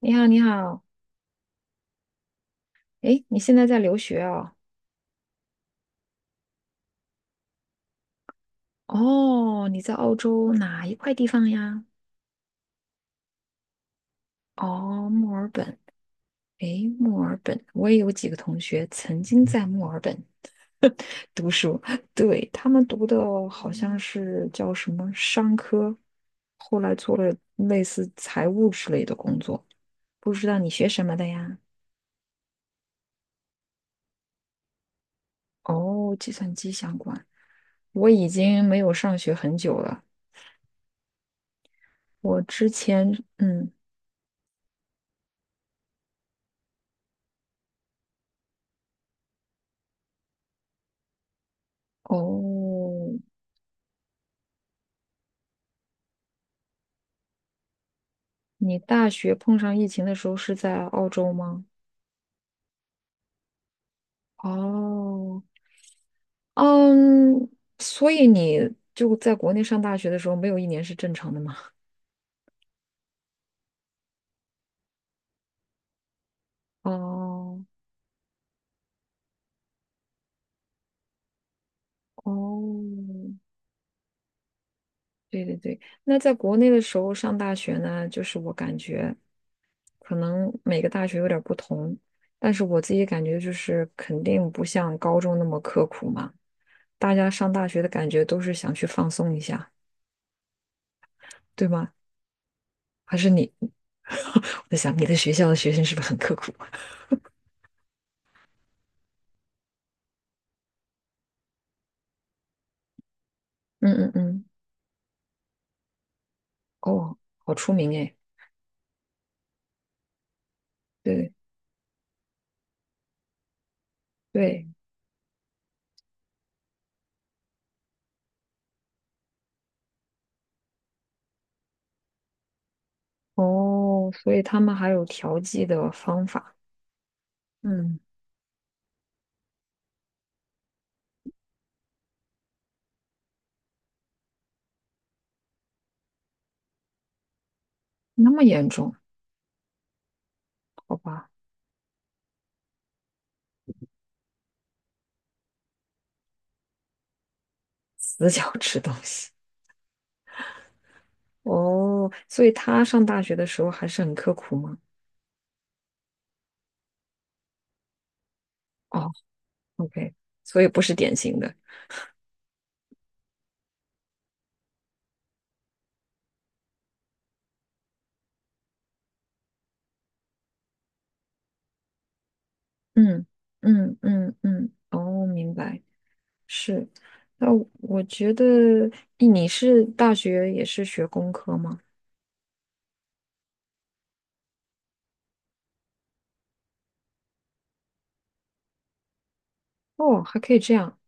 你好，你好，诶，你现在在留学哦？哦，你在澳洲哪一块地方呀？哦，墨尔本。诶，墨尔本，我也有几个同学曾经在墨尔本 读书，对，他们读的好像是叫什么商科，后来做了类似财务之类的工作。不知道你学什么的呀？哦，计算机相关。我已经没有上学很久了。我之前，嗯，哦，你大学碰上疫情的时候是在澳洲吗？哦，嗯，所以你就在国内上大学的时候，没有一年是正常的吗？哦哦，对对对，那在国内的时候上大学呢，就是我感觉可能每个大学有点儿不同，但是我自己感觉就是肯定不像高中那么刻苦嘛，大家上大学的感觉都是想去放松一下，对吗？还是你？我在想，你的学校的学生是不是很刻苦？嗯嗯嗯，哦，好出名哎，对对，哦，所以他们还有调剂的方法，嗯，那么严重，好吧，死角 吃东西，哦，所以他上大学的时候还是很刻苦吗？哦，OK，所以不是典型的，嗯嗯嗯嗯，哦，明白，是，那我觉得，咦你是大学也是学工科吗？哦，还可以这样。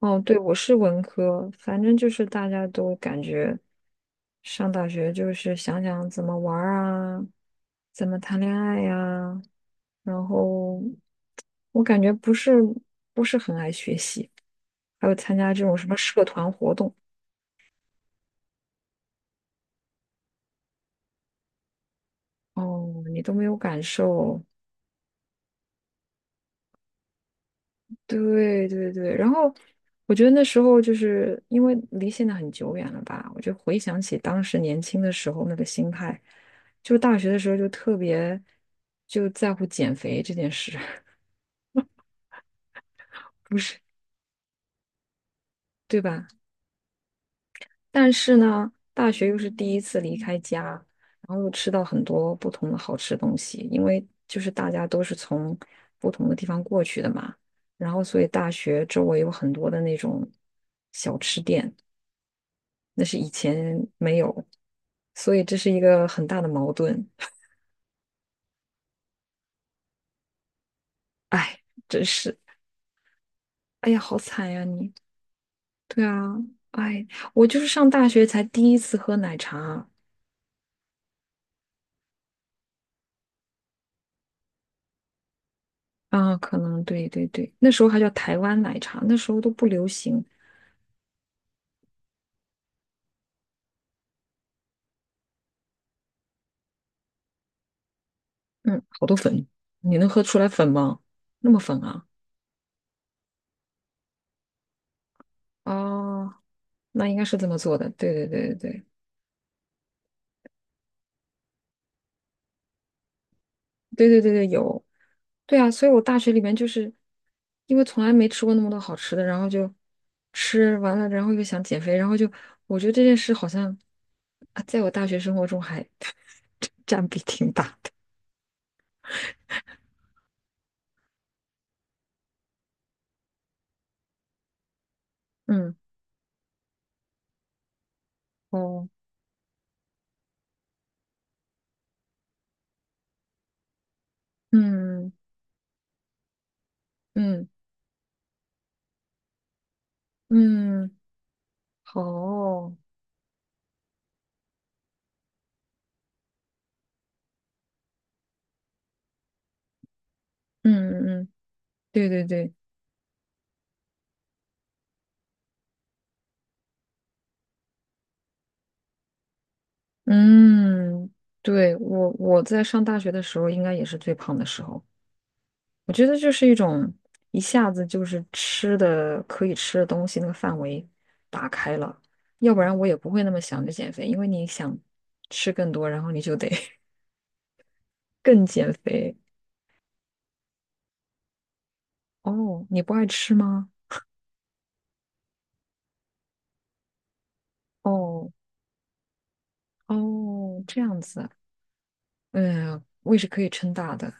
哦，对，我是文科，反正就是大家都感觉上大学就是想想怎么玩儿啊，怎么谈恋爱呀、然后我感觉不是很爱学习，还有参加这种什么社团活动。哦，你都没有感受，对对对，然后我觉得那时候就是因为离现在很久远了吧，我就回想起当时年轻的时候那个心态，就大学的时候就特别就在乎减肥这件事，不是，对吧？但是呢，大学又是第一次离开家，然后又吃到很多不同的好吃东西，因为就是大家都是从不同的地方过去的嘛，然后所以大学周围有很多的那种小吃店。那是以前没有，所以这是一个很大的矛盾。哎，真是，哎呀，好惨呀你。对啊，哎，我就是上大学才第一次喝奶茶啊，可能对对对，那时候还叫台湾奶茶，那时候都不流行。嗯，好多粉，你能喝出来粉吗？那么粉啊？哦，那应该是这么做的。对对对对对。对对对对，有，对啊，所以我大学里面就是因为从来没吃过那么多好吃的，然后就吃完了，然后又想减肥，然后就我觉得这件事好像啊，在我大学生活中还 占比挺大的。嗯，哦，嗯嗯嗯，好哦，嗯嗯嗯，对对对，嗯，对，我在上大学的时候应该也是最胖的时候。我觉得就是一种一下子就是吃的可以吃的东西那个范围打开了，要不然我也不会那么想着减肥，因为你想吃更多，然后你就得 更减肥。哦，你不爱吃吗？哦哦，这样子，嗯，胃是可以撑大的，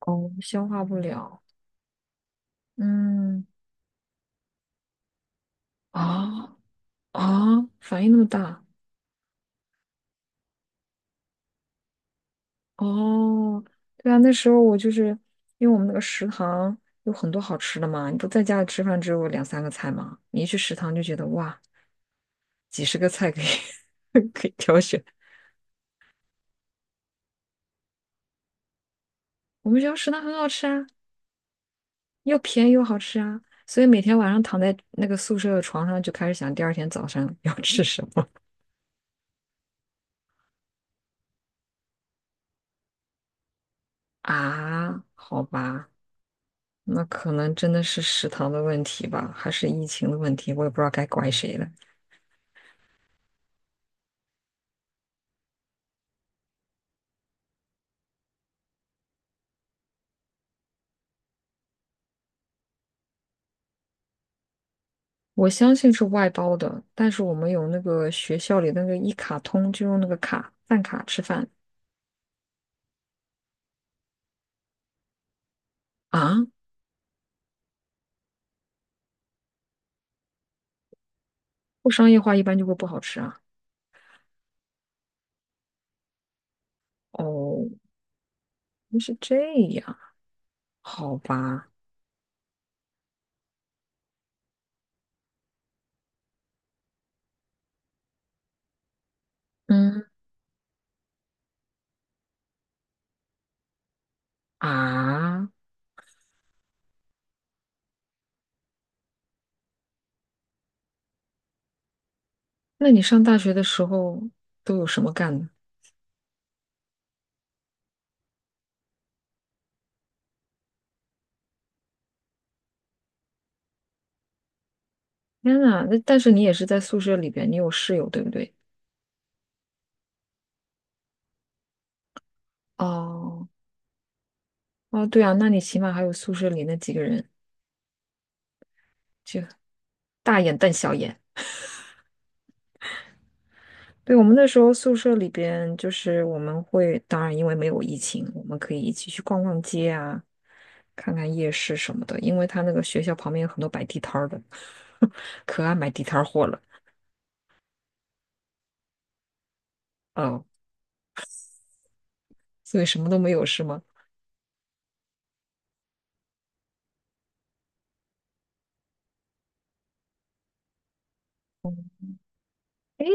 哦，消化不了，嗯啊啊，反应那么大。哦，对啊，那时候我就是因为我们那个食堂有很多好吃的嘛，你不在家里吃饭只有两三个菜嘛，你一去食堂就觉得哇，几十个菜可以 可以挑选。我们学校食堂很好吃啊，又便宜又好吃啊，所以每天晚上躺在那个宿舍的床上就开始想第二天早上要吃什么 啊？好吧，那可能真的是食堂的问题吧，还是疫情的问题，我也不知道该怪谁了。我相信是外包的，但是我们有那个学校里那个一卡通，就用那个卡饭卡吃饭啊，不商业化一般就会不好吃啊。哦，原来是这样，好吧，嗯啊，那你上大学的时候都有什么干的？天呐，那但是你也是在宿舍里边，你有室友对不对？哦哦，对啊，那你起码还有宿舍里那几个人，就大眼瞪小眼。对，我们那时候宿舍里边，就是我们会，当然因为没有疫情，我们可以一起去逛逛街啊，看看夜市什么的。因为他那个学校旁边有很多摆地摊儿的，可爱买地摊儿货了。哦，所以什么都没有是吗？诶，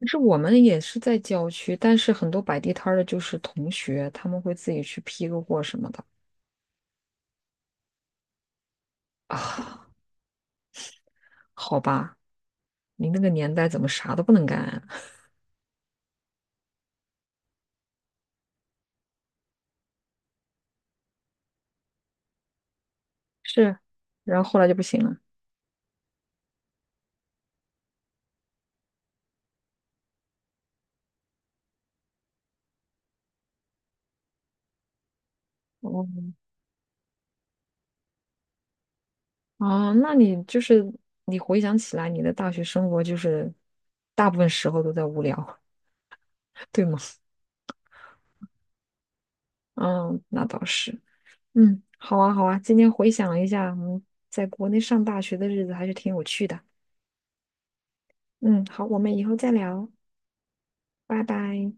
可是我们也是在郊区，但是很多摆地摊儿的就是同学，他们会自己去批个货什么的啊。好吧，你那个年代怎么啥都不能干啊？是，然后后来就不行了。哦。哦，那你就是你回想起来，你的大学生活就是大部分时候都在无聊，对吗？嗯，那倒是。嗯，好啊，好啊。今天回想了一下，嗯，在国内上大学的日子还是挺有趣的。嗯，好，我们以后再聊，拜拜。